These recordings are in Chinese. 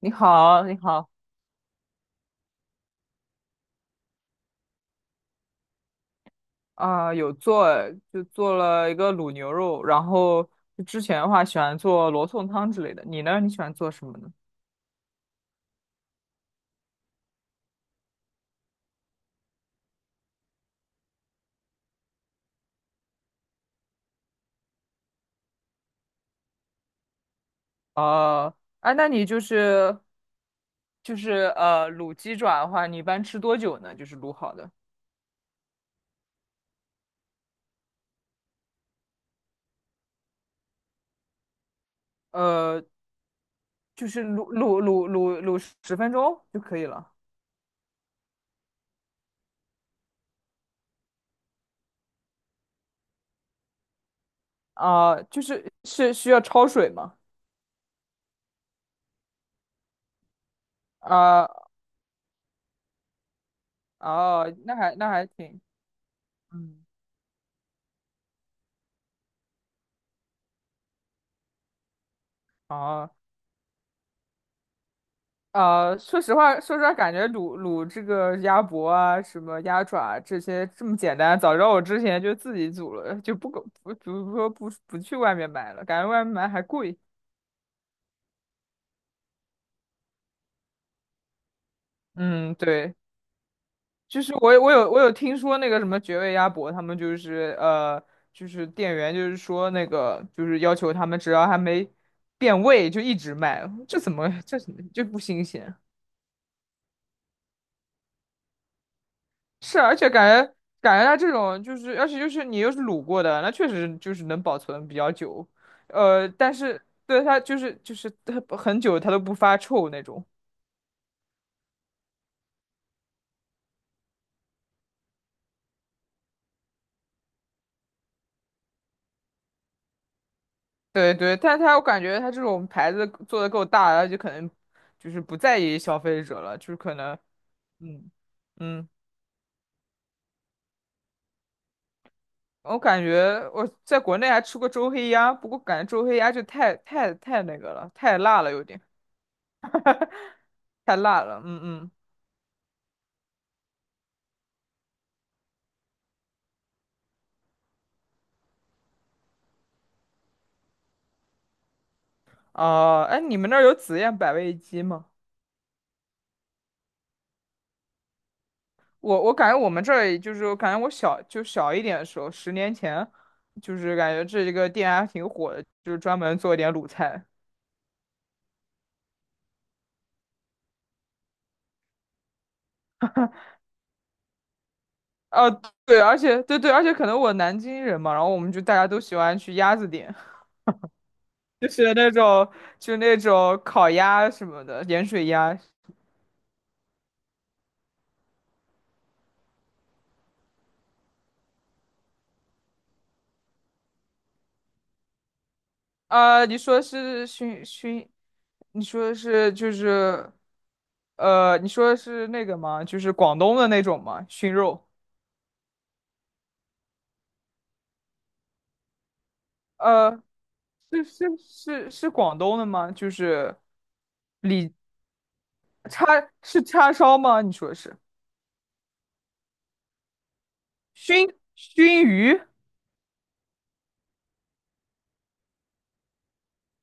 你好，你好。啊，有做。就做了一个卤牛肉，然后就之前的话喜欢做罗宋汤之类的。你呢？你喜欢做什么呢？呃，哎，那你就是卤鸡爪的话，你一般吃多久呢？就是卤好的。呃，就是卤10分钟就可以了。啊，就是是需要焯水吗？啊。哦，那还挺。嗯。哦。说实话，说实话，感觉卤这个鸭脖啊，什么鸭爪这些这么简单，早知道我之前就自己煮了，就不搞不不说不不去外面买了，感觉外面买还贵。嗯，对。就是我有听说那个什么绝味鸭脖，他们就是就是店员就是说那个就是要求他们只要还没变味就一直卖，这怎么就不新鲜？是，而且感觉它这种就是，而且就是你又是卤过的，那确实就是能保存比较久。但是对它就是它很久它都不发臭那种。对对，但它我感觉它这种牌子做的够大，它就可能就是不在意消费者了，就是可能。嗯嗯，我感觉我在国内还吃过周黑鸭，不过感觉周黑鸭就太那个了，太辣了有点，太辣了。嗯嗯。哦，哎，你们那儿有紫燕百味鸡吗？我感觉我们这儿就是我感觉我小一点的时候，10年前，就是感觉这一个店还挺火的，就是专门做一点卤菜。啊，对，而且对对，而且可能我南京人嘛，然后我们就大家都喜欢去鸭子店。就是那种那种烤鸭什么的，盐水鸭。啊，你说是熏熏，你说的是就是。你说的是那个吗？就是广东的那种吗？熏肉。呃，是广东的吗？就是里叉是叉烧吗？你说的是熏熏鱼？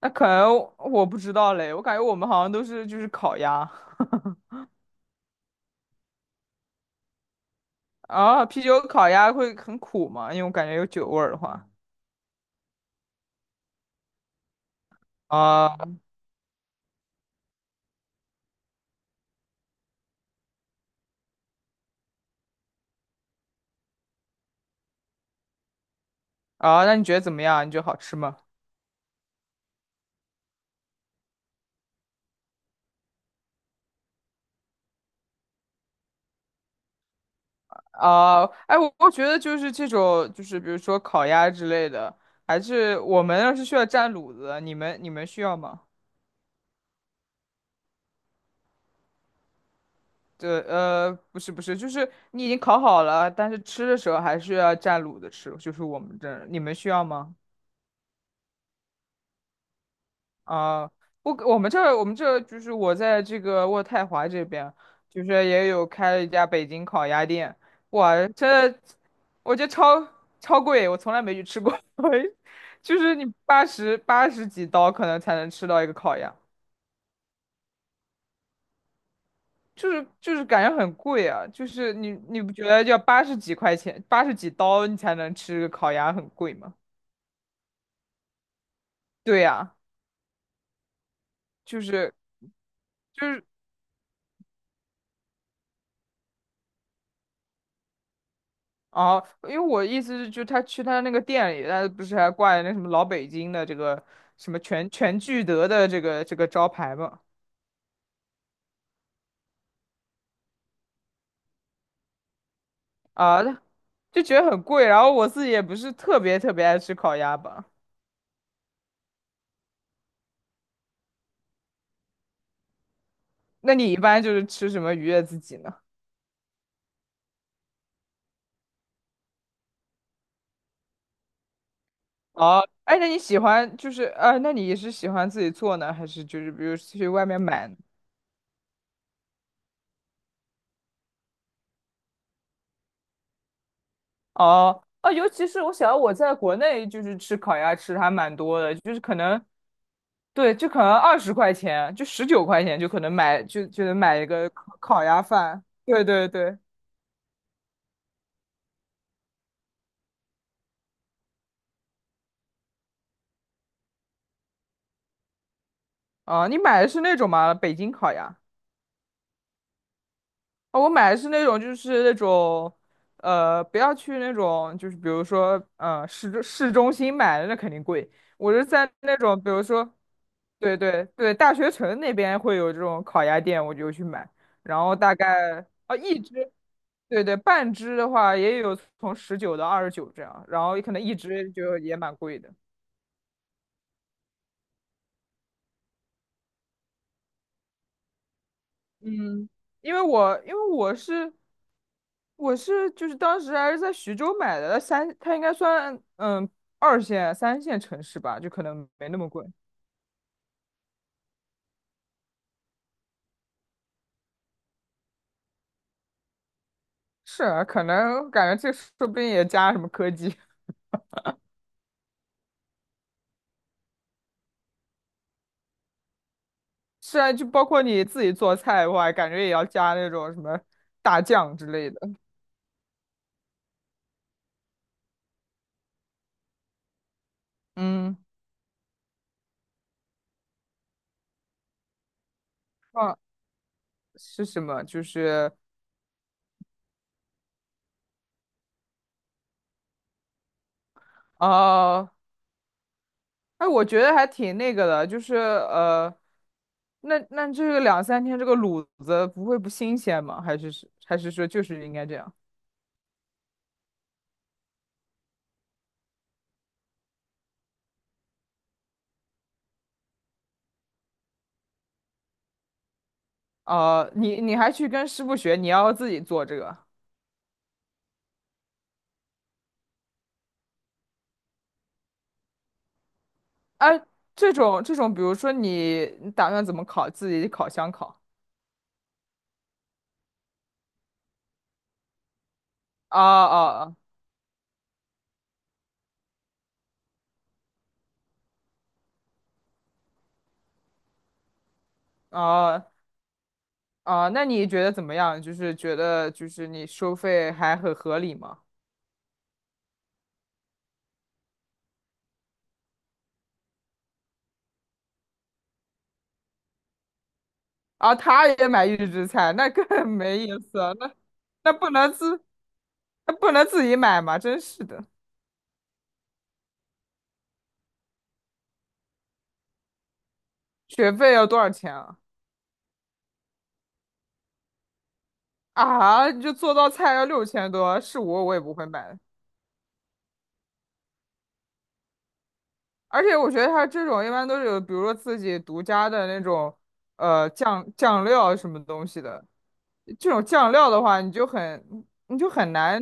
那可能我不知道嘞，我感觉我们好像都是就是烤鸭啊。啤酒烤鸭会很苦吗？因为我感觉有酒味儿的话啊。啊，那你觉得怎么样？你觉得好吃吗？啊，哎，我觉得就是这种就是比如说烤鸭之类的，还是我们要是需要蘸卤子，你们需要吗？对。不是不是，就是你已经烤好了，但是吃的时候还是要蘸卤的吃，就是我们这儿，你们需要吗？啊，我们这儿就是我在这个渥太华这边，就是也有开了一家北京烤鸭店。哇，真的，我觉得超贵，我从来没去吃过。就是你八十几刀可能才能吃到一个烤鸭。就是感觉很贵啊，就是你不觉得要八十几块钱，八十几刀你才能吃个烤鸭很贵吗？对呀，就是就是哦，因为我意思是，就是他那个店里，他不是还挂着那什么老北京的这个什么全聚德的这个招牌嘛？啊，就觉得很贵，然后我自己也不是特别特别爱吃烤鸭吧。那你一般就是吃什么愉悦自己呢？哦，哎，那你喜欢就是那你也是喜欢自己做呢，还是就是比如去外面买呢？哦哦，尤其是我想到我在国内就是吃烤鸭吃的还蛮多的，就是可能对，就可能20块钱，就19块钱就可能买就能买一个烤鸭饭。对对对。啊，你买的是那种吗？北京烤鸭？哦，我买的是那种，就是那种。不要去那种，就是比如说。市中心买的那肯定贵。我是在那种，比如说，对对对，大学城那边会有这种烤鸭店，我就去买。然后大概啊，一只。对对，半只的话也有从19到29这样，然后可能一只就也蛮贵的。嗯，因为我就是当时还是在徐州买的，它应该算二线三线城市吧，就可能没那么贵。是啊，可能感觉这说不定也加什么科技。是啊，就包括你自己做菜的话，感觉也要加那种什么大酱之类的。嗯。啊，是什么？就是。哦，哎，我觉得还挺那个的，就是那这个两三天这个卤子不会不新鲜吗？还是说就是应该这样？啊？你还去跟师傅学，你要自己做这个？哎，这种，比如说你打算怎么烤？自己烤箱烤？啊啊啊啊啊！那你觉得怎么样？就是觉得就是你收费还很合理吗？啊，他也买预制菜，那更 没意思了。那不能自。那不能自己买吗？真是的。学费要多少钱啊？啊，你就做道菜要6000多，是我也不会买的。而且我觉得他这种一般都是有，比如说自己独家的那种。酱料什么东西的。这种酱料的话，你就很难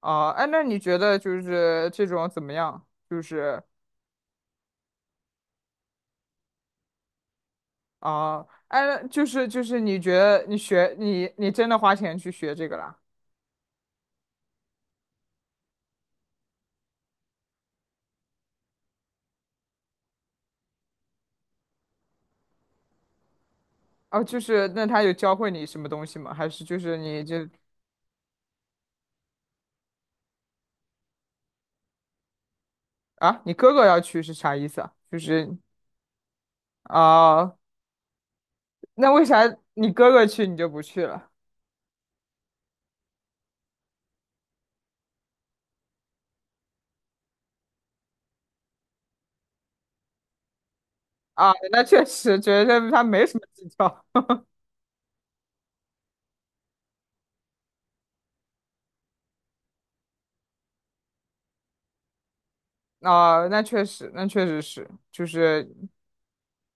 啊。哎，那你觉得就是这种怎么样？就是。啊，哎，那就是你觉得你学你你真的花钱去学这个啦？哦，就是那他有教会你什么东西吗？还是就是你就。啊，你哥哥要去是啥意思啊？就是。啊，那为啥你哥哥去你就不去了？啊，那确实觉得他没什么技巧。啊，那确实，那确实是，就是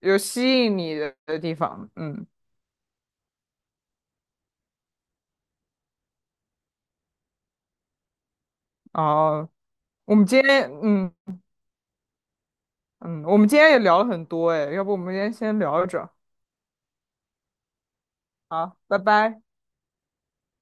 有吸引你的地方。嗯。哦，我们今天，嗯嗯，我们今天也聊了很多。哎，要不我们今天先聊着？好，拜拜。